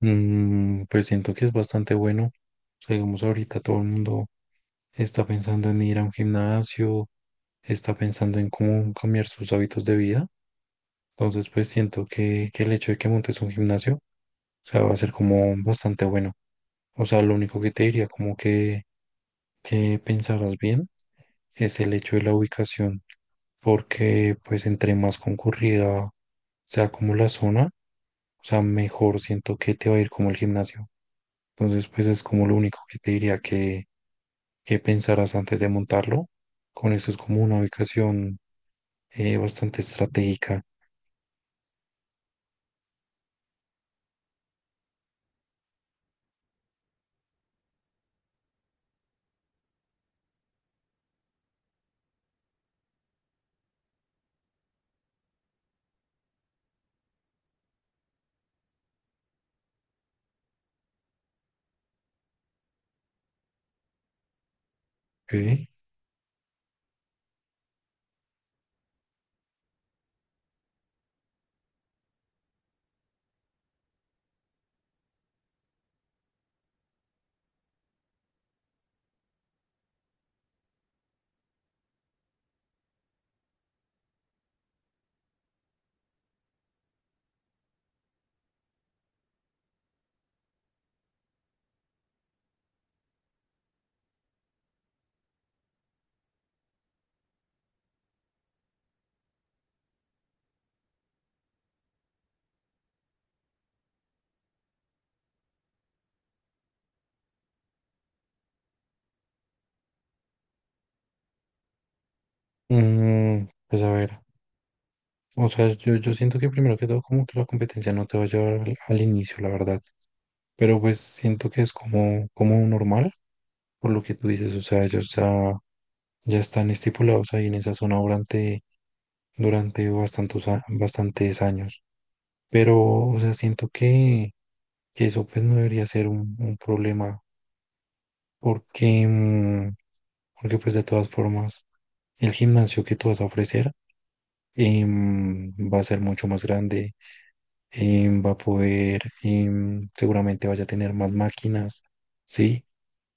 Pues siento que es bastante bueno. O sea, digamos, ahorita todo el mundo está pensando en ir a un gimnasio, está pensando en cómo cambiar sus hábitos de vida. Entonces, pues siento que el hecho de que montes un gimnasio, o sea, va a ser como bastante bueno. O sea, lo único que te diría como que pensaras bien es el hecho de la ubicación, porque pues entre más concurrida sea como la zona, o sea, mejor siento que te va a ir como el gimnasio. Entonces, pues es como lo único que te diría que pensarás antes de montarlo. Con eso es como una ubicación bastante estratégica. ¿Ok? Pues a ver, o sea, yo siento que primero que todo como que la competencia no te va a llevar al inicio, la verdad. Pero pues siento que es como, como normal, por lo que tú dices, o sea, ya están estipulados ahí en esa zona durante bastantes años. Pero, o sea, siento que eso pues no debería ser un problema porque, porque pues de todas formas el gimnasio que tú vas a ofrecer va a ser mucho más grande, em, va a poder, em, seguramente vaya a tener más máquinas, ¿sí?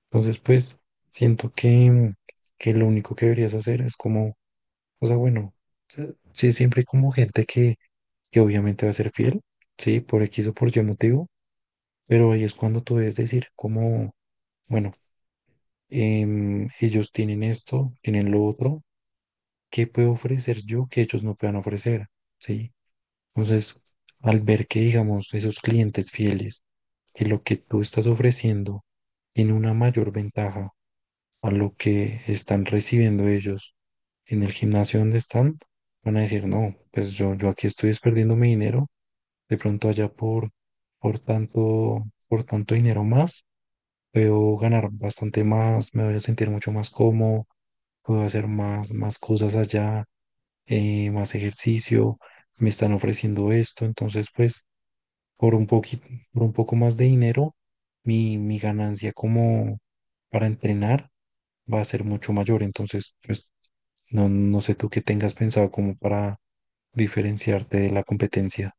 Entonces pues siento que lo único que deberías hacer es como, o sea, bueno, sí, siempre hay como gente que obviamente va a ser fiel, ¿sí? Por X o por Y motivo, pero ahí es cuando tú debes decir como, bueno, ellos tienen esto, tienen lo otro, ¿qué puedo ofrecer yo que ellos no puedan ofrecer? ¿Sí? Entonces, al ver que, digamos, esos clientes fieles, que lo que tú estás ofreciendo tiene una mayor ventaja a lo que están recibiendo ellos en el gimnasio donde están, van a decir, no, pues yo aquí estoy perdiendo mi dinero, de pronto allá por tanto dinero más puedo ganar bastante más, me voy a sentir mucho más cómodo, puedo hacer más, más cosas allá, más ejercicio, me están ofreciendo esto, entonces pues por un poquito, por un poco más de dinero, mi ganancia como para entrenar va a ser mucho mayor, entonces pues no sé tú qué tengas pensado como para diferenciarte de la competencia.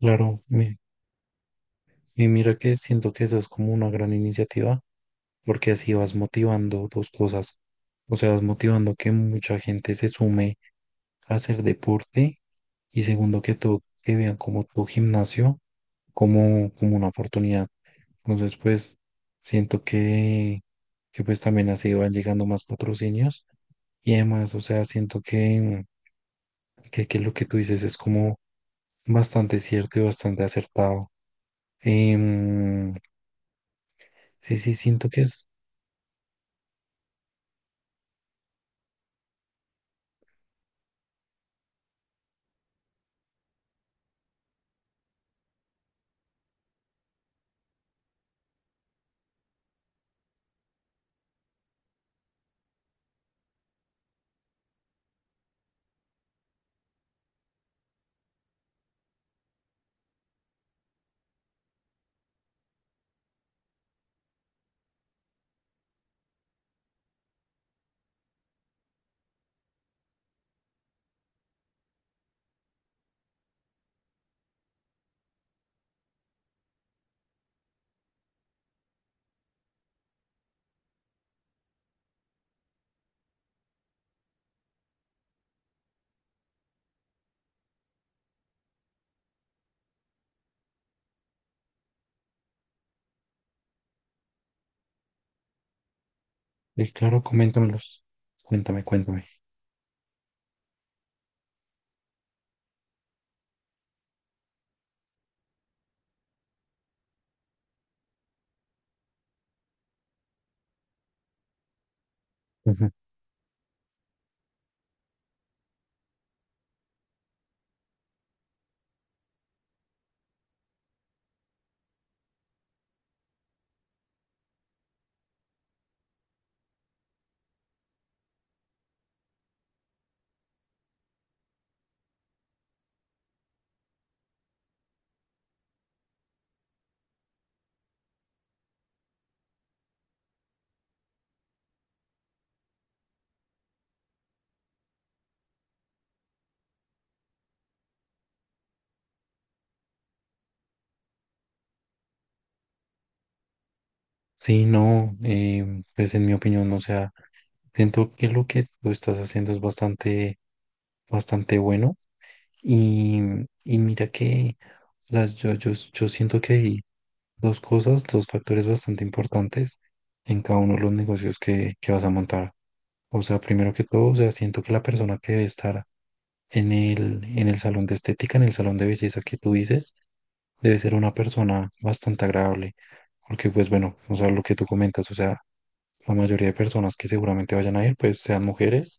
Claro, me, Y mira que siento que eso es como una gran iniciativa, porque así vas motivando dos cosas. O sea, vas motivando que mucha gente se sume a hacer deporte y segundo que todo, que vean como tu gimnasio como, como una oportunidad. Entonces, pues, siento que pues también así van llegando más patrocinios y además, o sea, siento que lo que tú dices es como bastante cierto y bastante acertado. Em, sí, sí, siento que es. Claro, coméntamelos. Cuéntame, cuéntame. Ujú. Sí, no, pues en mi opinión, o sea, siento que lo que tú estás haciendo es bastante, bastante bueno. Y, y mira que yo siento que hay dos cosas, dos factores bastante importantes en cada uno de los negocios que vas a montar. O sea, primero que todo, o sea, siento que la persona que debe estar en el salón de estética, en el salón de belleza que tú dices, debe ser una persona bastante agradable, porque pues bueno, o sea, lo que tú comentas, o sea, la mayoría de personas que seguramente vayan a ir, pues sean mujeres,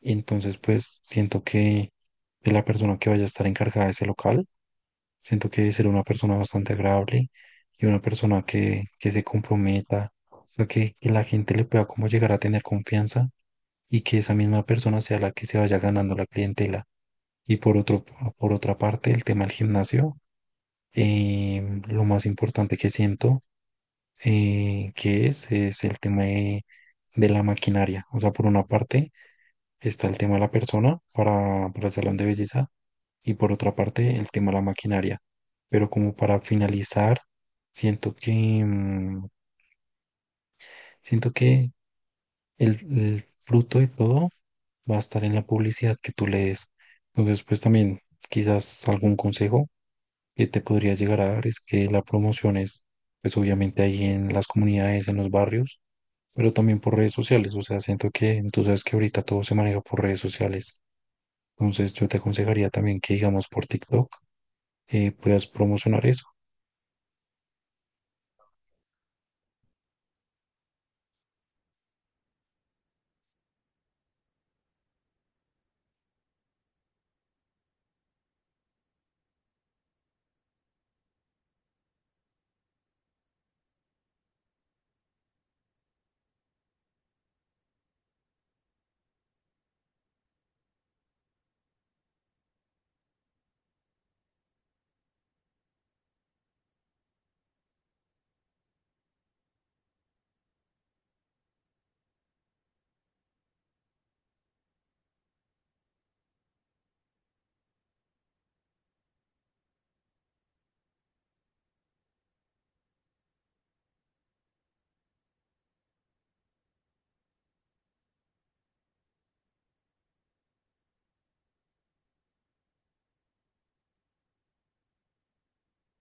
y entonces pues siento que de la persona que vaya a estar encargada de ese local, siento que debe ser una persona bastante agradable y una persona que se comprometa, o sea, que la gente le pueda como llegar a tener confianza y que esa misma persona sea la que se vaya ganando la clientela. Y por por otra parte, el tema del gimnasio. eh, lo más importante que siento es el tema de la maquinaria. O sea, por una parte está el tema de la persona para el salón de belleza y por otra parte el tema de la maquinaria. Pero como para finalizar, siento que, mm, siento que el fruto de todo va a estar en la publicidad que tú le des. Entonces, pues también quizás algún consejo que te podría llegar a dar es que la promoción es, pues obviamente ahí en las comunidades, en los barrios, pero también por redes sociales. O sea, siento que tú sabes que ahorita todo se maneja por redes sociales. Entonces yo te aconsejaría también que, digamos, por TikTok puedas promocionar eso.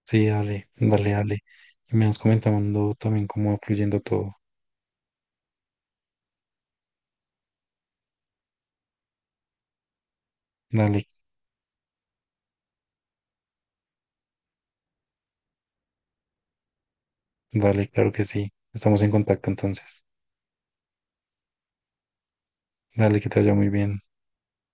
Sí, dale, dale, dale. Y me vas comentando también cómo va fluyendo todo. Dale, dale, claro que sí. Estamos en contacto entonces. Dale, que te vaya muy bien.